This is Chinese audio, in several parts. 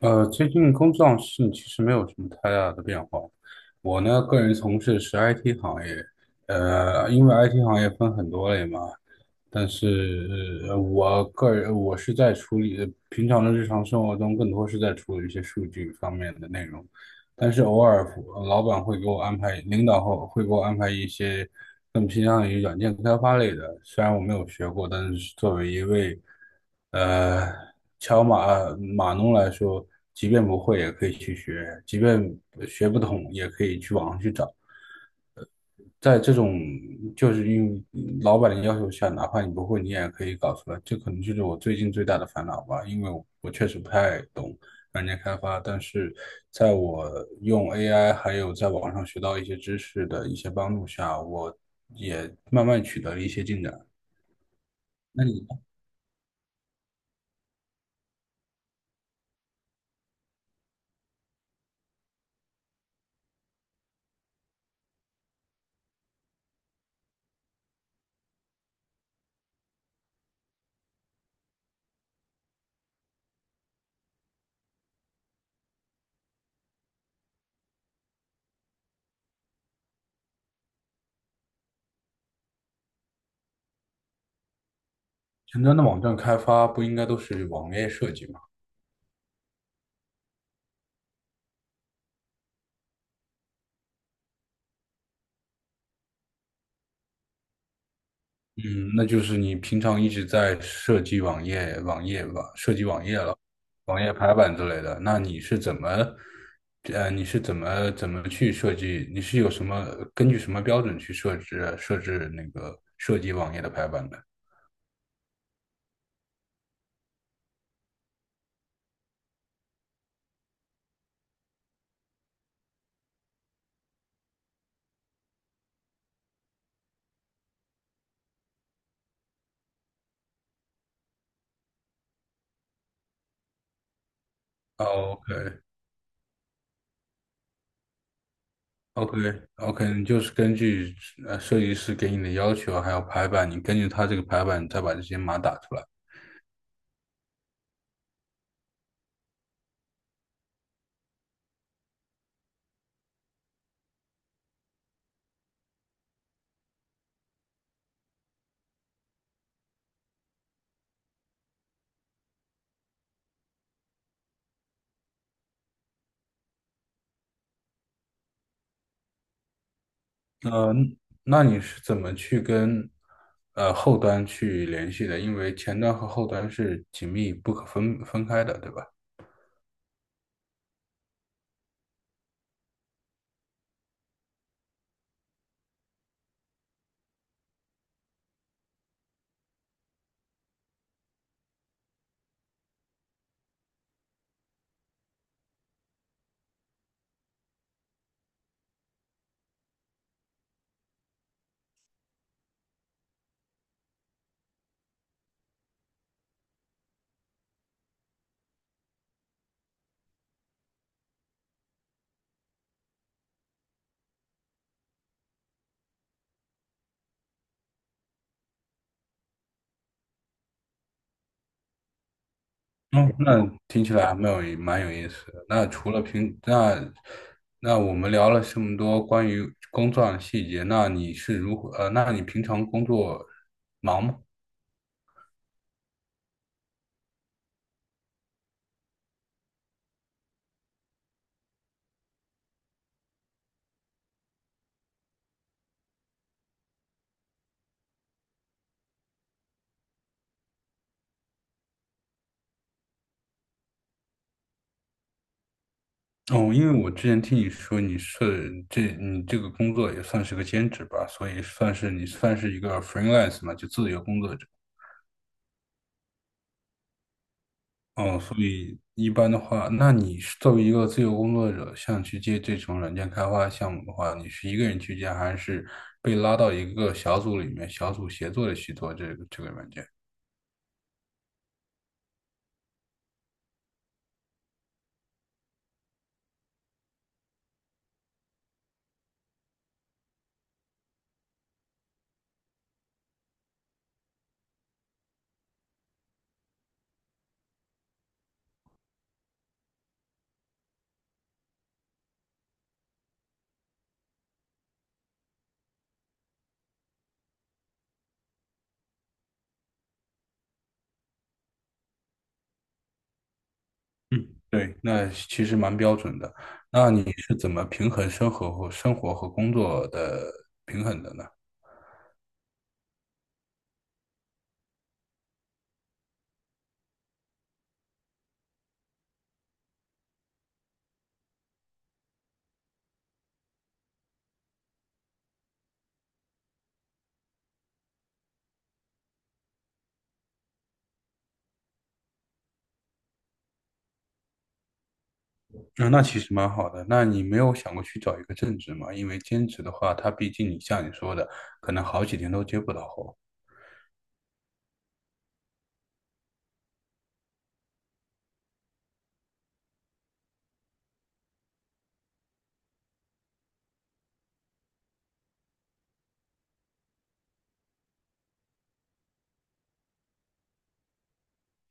最近工作上是其实没有什么太大的变化。我呢，个人从事的是 IT 行业，因为 IT 行业分很多类嘛，但是我个人是在处理平常的日常生活中，更多是在处理一些数据方面的内容。但是偶尔老板会给我安排，领导后会给我安排一些更偏向于软件开发类的。虽然我没有学过，但是作为一位呃敲码码农来说，即便不会也可以去学，即便学不懂也可以去网上去找。在这种就是因为老板的要求下，哪怕你不会，你也可以搞出来。这可能就是我最近最大的烦恼吧，因为我确实不太懂软件开发，但是在我用 AI 还有在网上学到一些知识的一些帮助下，我也慢慢取得了一些进展。那你前端的网站开发不应该都是网页设计吗？嗯，那就是你平常一直在设计网页、网页吧，设计网页了。网页排版之类的，那你是怎么，你是怎么去设计？你是有什么根据什么标准去设置设置那个设计网页的排版的？哦，OK，OK，OK，你就是根据设计师给你的要求，还有排版，你根据他这个排版，你再把这些码打出来。嗯，那你是怎么去跟后端去联系的？因为前端和后端是紧密不可分开的，对吧？嗯，那听起来还蛮有蛮有意思的。那除了平，那那我们聊了这么多关于工作上的细节，那你是如何？那你平常工作忙吗？哦，因为我之前听你说你这个工作也算是个兼职吧，所以算是你算是一个 freelance 嘛，就自由工作者。哦，所以一般的话，那你是作为一个自由工作者，像去接这种软件开发项目的话，你是一个人去接，还是被拉到一个小组里面，小组协作的去做这个软件？嗯。对，那其实蛮标准的。那你是怎么平衡生活和工作的平衡的呢？啊，那其实蛮好的。那你没有想过去找一个正职吗？因为兼职的话，它毕竟你像你说的，可能好几天都接不到活。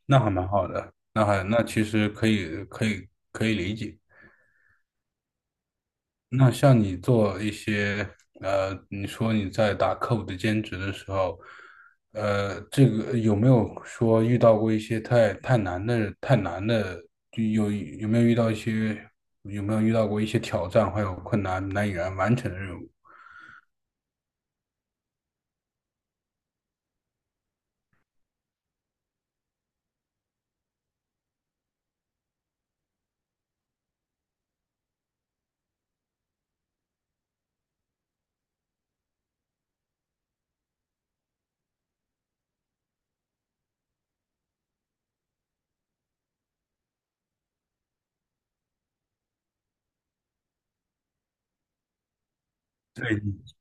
那还蛮好的，那还那其实可以理解。那像你做一些你说你在打客户的兼职的时候，呃，这个有没有说遇到过一些太难的，就有没有遇到一些有没有遇到过一些挑战还有困难难以完成的任务？对，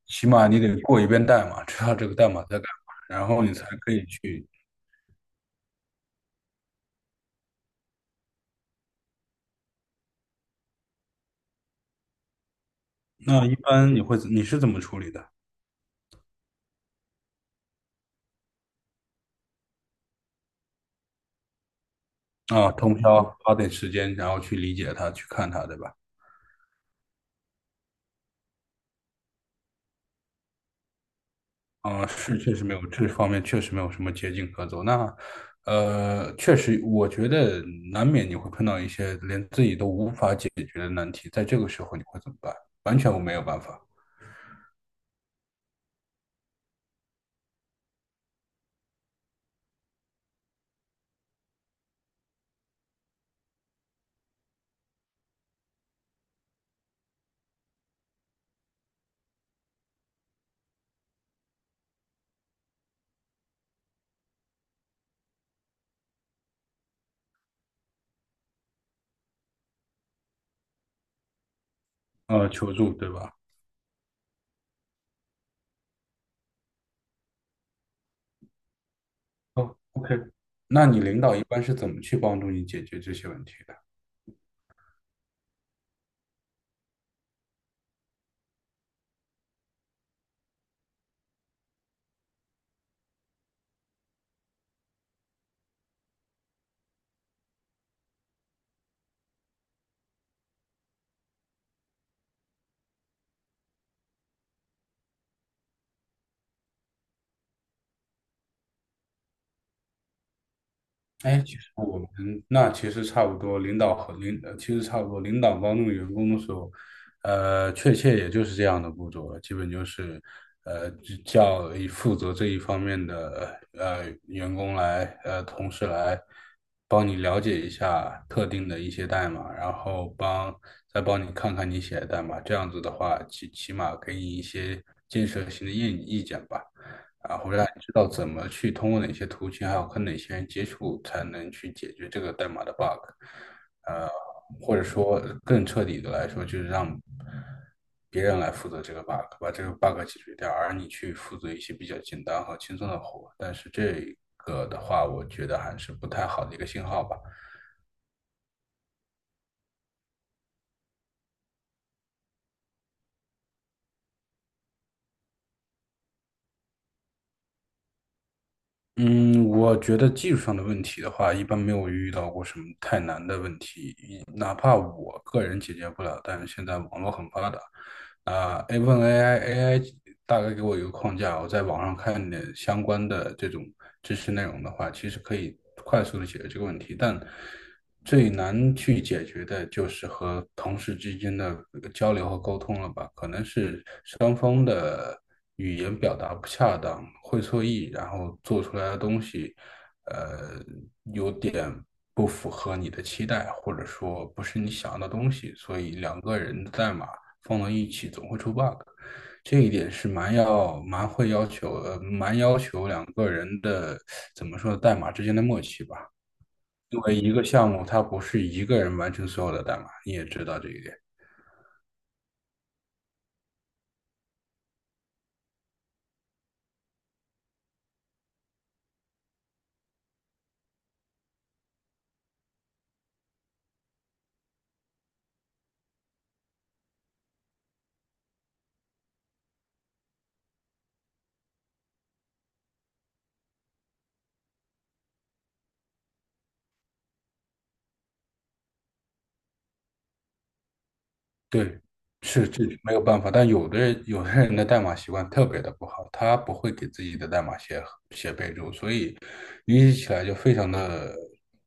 起码你得过一遍代码，知道这个代码在干嘛，然后你才可以去。那一般你是怎么处理的？啊，通宵花点时间，然后去理解它，去看它，对吧？啊，是确实没有这方面确实没有什么捷径可走。那确实，我觉得难免你会碰到一些连自己都无法解决的难题，在这个时候你会怎么办？完全我没有办法，求助，对吧？哦，OK。那你领导一般是怎么去帮助你解决这些问题的？哎，其实我们那其实差不多，领导和领呃其实差不多，领导帮助员工的时候，确切也就是这样的步骤了，基本就是，只叫以负责这一方面的员工来呃同事来帮你了解一下特定的一些代码，然后帮再帮你看看你写的代码，这样子的话，起码给你一些建设性的意见吧。然后让你知道怎么去通过哪些途径，还有跟哪些人接触，才能去解决这个代码的 bug。呃，或者说更彻底的来说，就是让别人来负责这个 bug，把这个 bug 解决掉，而你去负责一些比较简单和轻松的活。但是这个的话，我觉得还是不太好的一个信号吧。嗯，我觉得技术上的问题的话，一般没有遇到过什么太难的问题，哪怕我个人解决不了，但是现在网络很发达，a 问 AI，AI 大概给我一个框架，我在网上看点相关的这种知识内容的话，其实可以快速的解决这个问题，但最难去解决的就是和同事之间的交流和沟通了吧，可能是双方的。语言表达不恰当，会错意，然后做出来的东西，呃，有点不符合你的期待，或者说不是你想要的东西，所以两个人的代码放到一起总会出 bug，这一点是蛮要求两个人的怎么说代码之间的默契吧，因为一个项目它不是一个人完成所有的代码，你也知道这一点。对，是这没有办法，但有的人的代码习惯特别的不好，他不会给自己的代码写备注，所以联系起来就非常的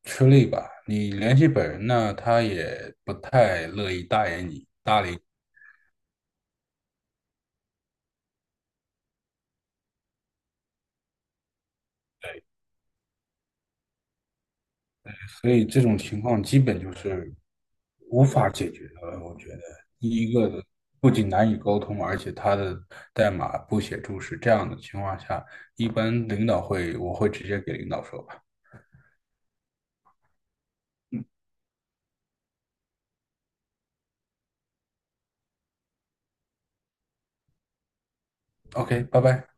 吃力吧。你联系本人呢，他也不太乐意搭理你，所以这种情况基本就是无法解决的了我觉得第一个不仅难以沟通，而且他的代码不写注释，这样的情况下，一般领导会我会直接给领导说吧，OK，拜拜。